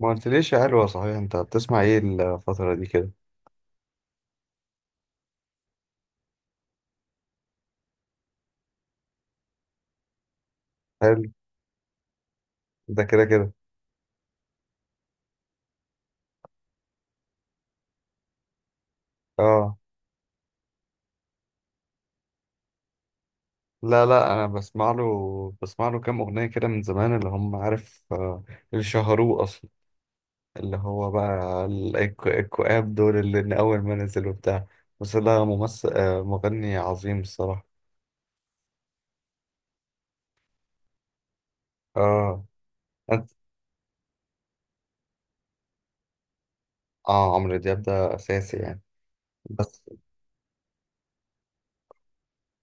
ما قلتليش يا حلوة، صحيح انت بتسمع ايه الفترة دي كده؟ حلو. ده كده كده، اه. لا لا، انا بسمع له، كام اغنية كده من زمان اللي هم عارف، اللي شهروه اصلا، اللي هو بقى الكواب دول اللي من اول ما نزل وبتاع. بس ده ممثل، مغني عظيم الصراحة. اه، انت، اه عمرو دياب ده اساسي يعني. بس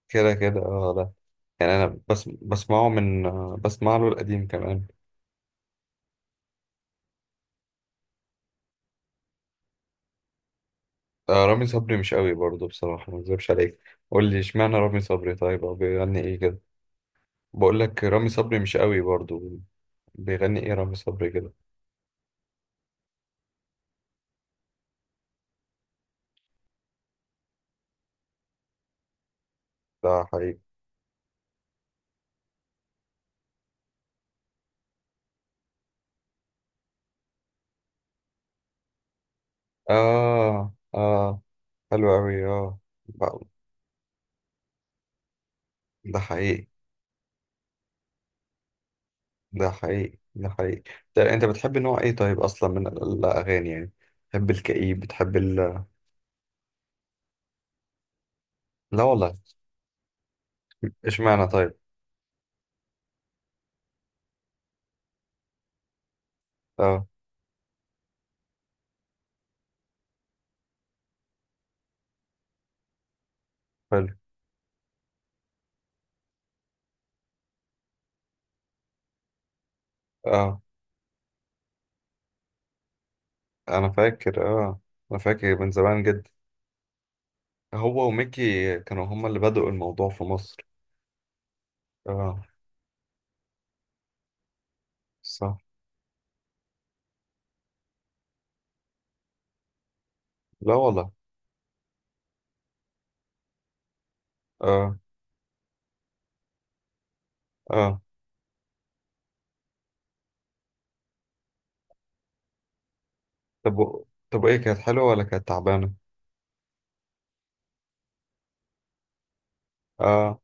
كده كده، اه ده. يعني انا بس بسمعه من، بسمع له القديم كمان. رامي صبري مش قوي برضه، بصراحة ما اكذبش عليك. قول لي اشمعنى رامي صبري طيب، او بيغني ايه كده؟ بقول لك رامي صبري مش قوي برضه. بيغني ايه رامي صبري كده؟ ده حقيقي. اه اه، حلو قوي اه. ب- ده حقيقي، ده حقيقي، ده حقيقي. ده انت بتحب نوع ايه طيب اصلا من الاغاني يعني؟ بتحب الكئيب، بتحب لا والله. اشمعنى طيب؟ اه حلو، اه. انا فاكر، اه. انا فاكر من زمان جدا. هو وميكي كانوا هما اللي بدأوا الموضوع في مصر. اه. صح. لا والله. اه اه. طب و- طب ايه، كانت حلوة ولا كانت تعبانة؟ اه.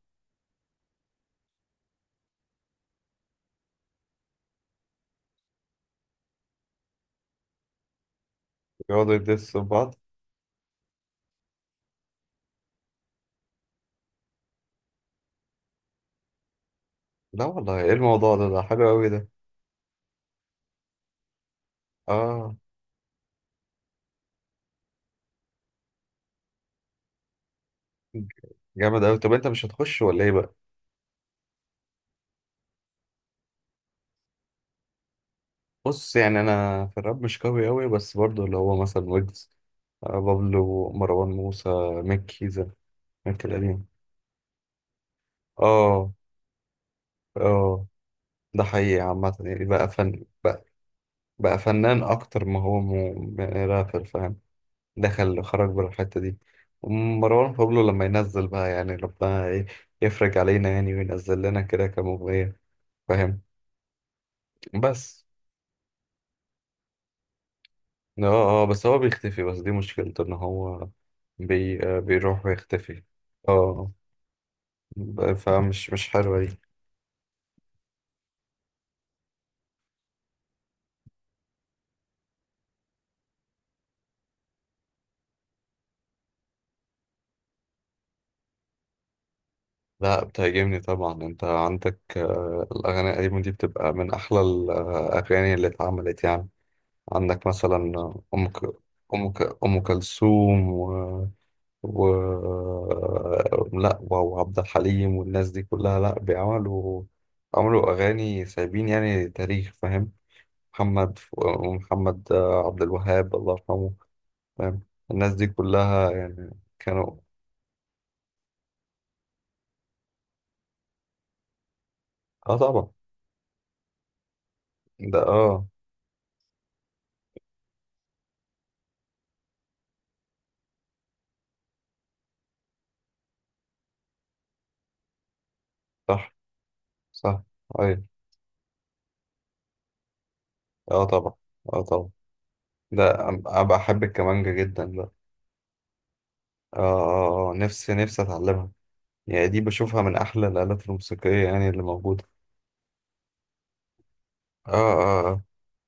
يقعدوا يدسوا في بعض. لا والله، ايه الموضوع ده؟ ده حلو قوي ده. اه، جامد قوي. طب انت مش هتخش ولا ايه بقى؟ بص، يعني انا في الراب مش قوي قوي، بس برضو اللي هو مثلا ويجز، آه، بابلو، مروان موسى، ميك كيزا، ميك القديم. اه اه. ده حقيقي، عامة يعني بقى فن. بقى فنان اكتر ما هو رابر، فاهم؟ دخل خرج بالحتة دي. مروان بابلو لما ينزل بقى يعني، ربنا يفرج علينا، يعني وينزل لنا كده كمغنية، فاهم؟ بس اه اه، بس هو بيختفي، بس دي مشكلته ان هو بي آه، بيروح ويختفي. اه، فمش، مش حلوة دي. لا، بتهاجمني طبعا، انت عندك، الاغاني القديمة دي بتبقى من احلى الاغاني اللي اتعملت يعني. عندك مثلا أم ك... أم كلثوم، و... لا، وعبد الحليم والناس دي كلها، لا بيعملوا، عملوا أغاني سايبين يعني تاريخ، فاهم؟ محمد ف- محمد عبد الوهاب الله يرحمه، فاهم؟ الناس دي كلها يعني كانوا. اه طبعا، ده اه. صح صح. ايوه. اه طبعا. اه طبعا، ده أنا بحب الكمانجة جدا ده. اه اه اه، نفسي اتعلمها يعني. دي بشوفها من أحلى الآلات الموسيقية يعني اللي موجودة. اه اه اه.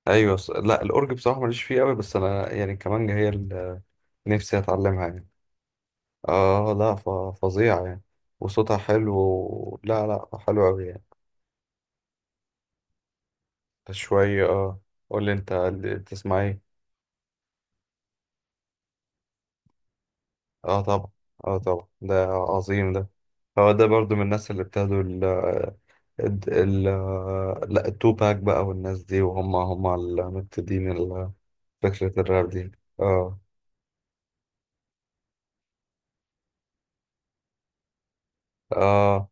أيوة، لا، الأورج بصراحة ماليش فيه أوي، بس أنا يعني كمانجا هي اللي نفسي أتعلمها يعني. اه لا، فظيعة يعني. وصوتها حلو لا لا، حلو أوي يعني. شوية، اه. قول لي أنت اللي بتسمع إيه؟ اه طبعا. اه طبعا، ده عظيم ده. هو ده برضو من الناس اللي ابتدوا ال ال- لا، التوباك بقى والناس دي، وهم هم المبتدئين فكرة الراب دي. اه اه.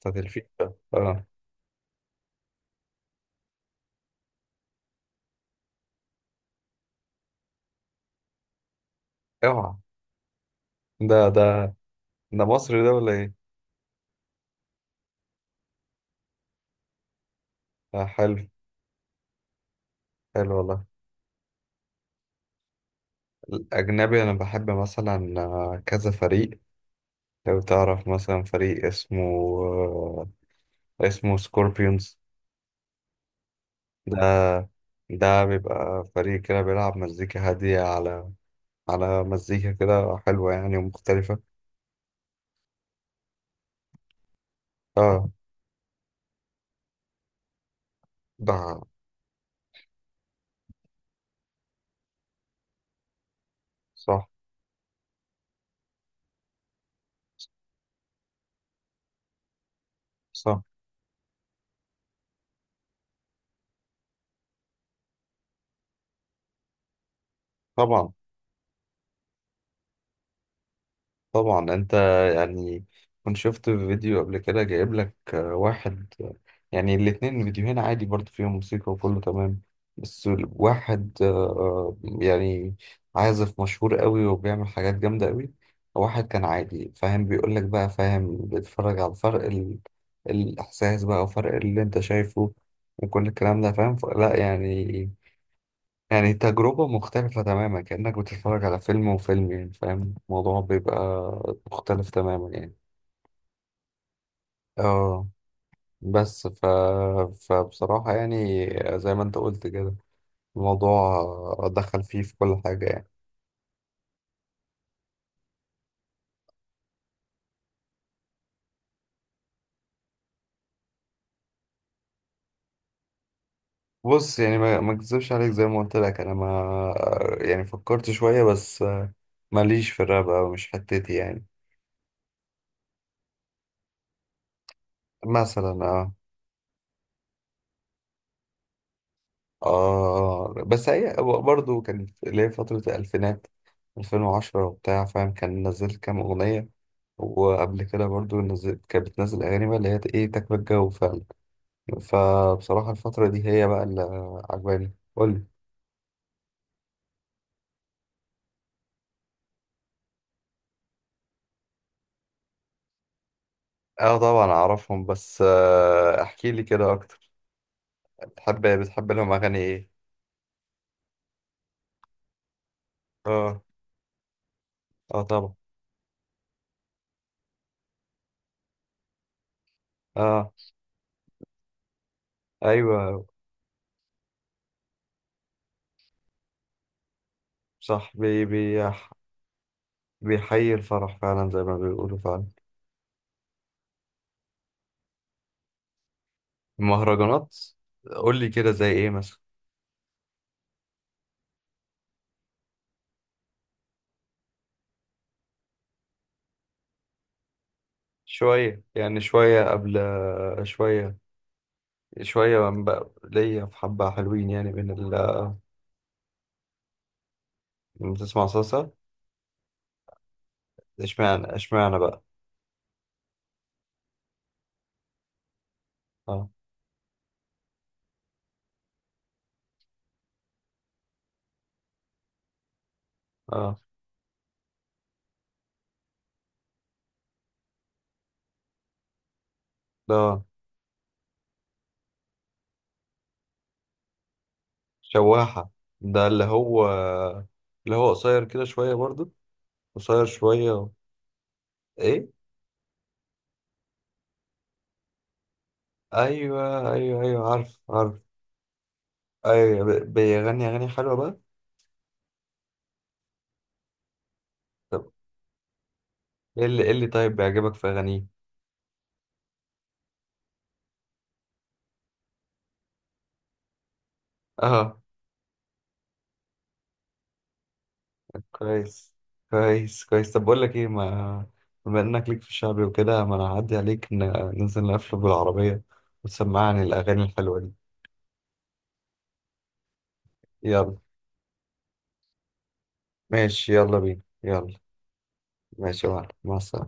بتاعت الفيفا، اه. اوعى. ده ده، ده مصري ده ولا ايه؟ آه حلو. حلو والله. الأجنبي أنا بحب مثلا، كذا فريق، لو تعرف مثلا فريق اسمه، آه، اسمه سكوربيونز. ده، ده بيبقى فريق كده بيلعب مزيكا هادية، على على مزيكا كده حلوة يعني ومختلفة. اه. ده. صح صح. طبعا طبعا. انت، يعني كنت شفت فيديو قبل كده جايب لك، واحد، يعني الاتنين فيديوهين عادي برضه، فيهم موسيقى وكله تمام. بس واحد، يعني عازف مشهور قوي وبيعمل حاجات جامدة قوي، واحد كان عادي، فاهم؟ بيقول لك بقى، فاهم؟ بيتفرج على فرق الإحساس بقى، وفرق اللي انت شايفه، وكل الكلام ده، فاهم؟ لا يعني، يعني تجربة مختلفة تماما، كأنك بتتفرج على فيلم وفيلم يعني، فاهم؟ الموضوع بيبقى مختلف تماما يعني. اه. بس فبصراحة يعني، زي ما انت قلت كده، الموضوع دخل فيه في كل حاجة يعني. بص، يعني ما اكذبش عليك، زي ما قلت لك انا ما، يعني فكرت شوية، بس ماليش في الراب أوي، مش حتتي يعني. مثلا اه. آه، بس هي برضه كان اللي هي فترة الألفينات 2010 وبتاع، فاهم؟ كان نزلت كام أغنية، وقبل كده برضه نزلت، كانت بتنزل أغاني بقى اللي هي إيه، تكبر الجو فعلا. فبصراحة الفترة دي هي بقى اللي عجباني. قولي. اه طبعا أعرفهم، بس آه، احكي لي كده أكتر. بتحب لهم أغاني إيه؟ اه اه طبعا. اه. أيوه. صح. بي بي بيحيي الفرح فعلا زي ما بيقولوا فعلا. المهرجانات. قول لي كده زي ايه مثلا. شوية يعني، شوية قبل، شوية، شوية من بقى ليا في حبة حلوين يعني من ال. من بتسمع صلصة. اشمعنى بقى. اه اه. ده شواحة، ده اللي هو، اللي هو قصير كده شوية برضو، قصير شوية. ايه. ايوه ايوه ايوه، عارف عارف. ايوه، بيغني اغاني حلوة بقى. طب ايه اللي طيب بيعجبك في اغانيه؟ اه. كويس. كويس كويس. طب بقول لك ايه، ما بما انك ليك في الشعبي وكده، ما انا هعدي عليك، ننزل نقفل بالعربية، وتسمعني الاغاني الحلوة دي. يلا. ماشي، يلا بينا يلا. ماشي يا معلم، مع السلامة.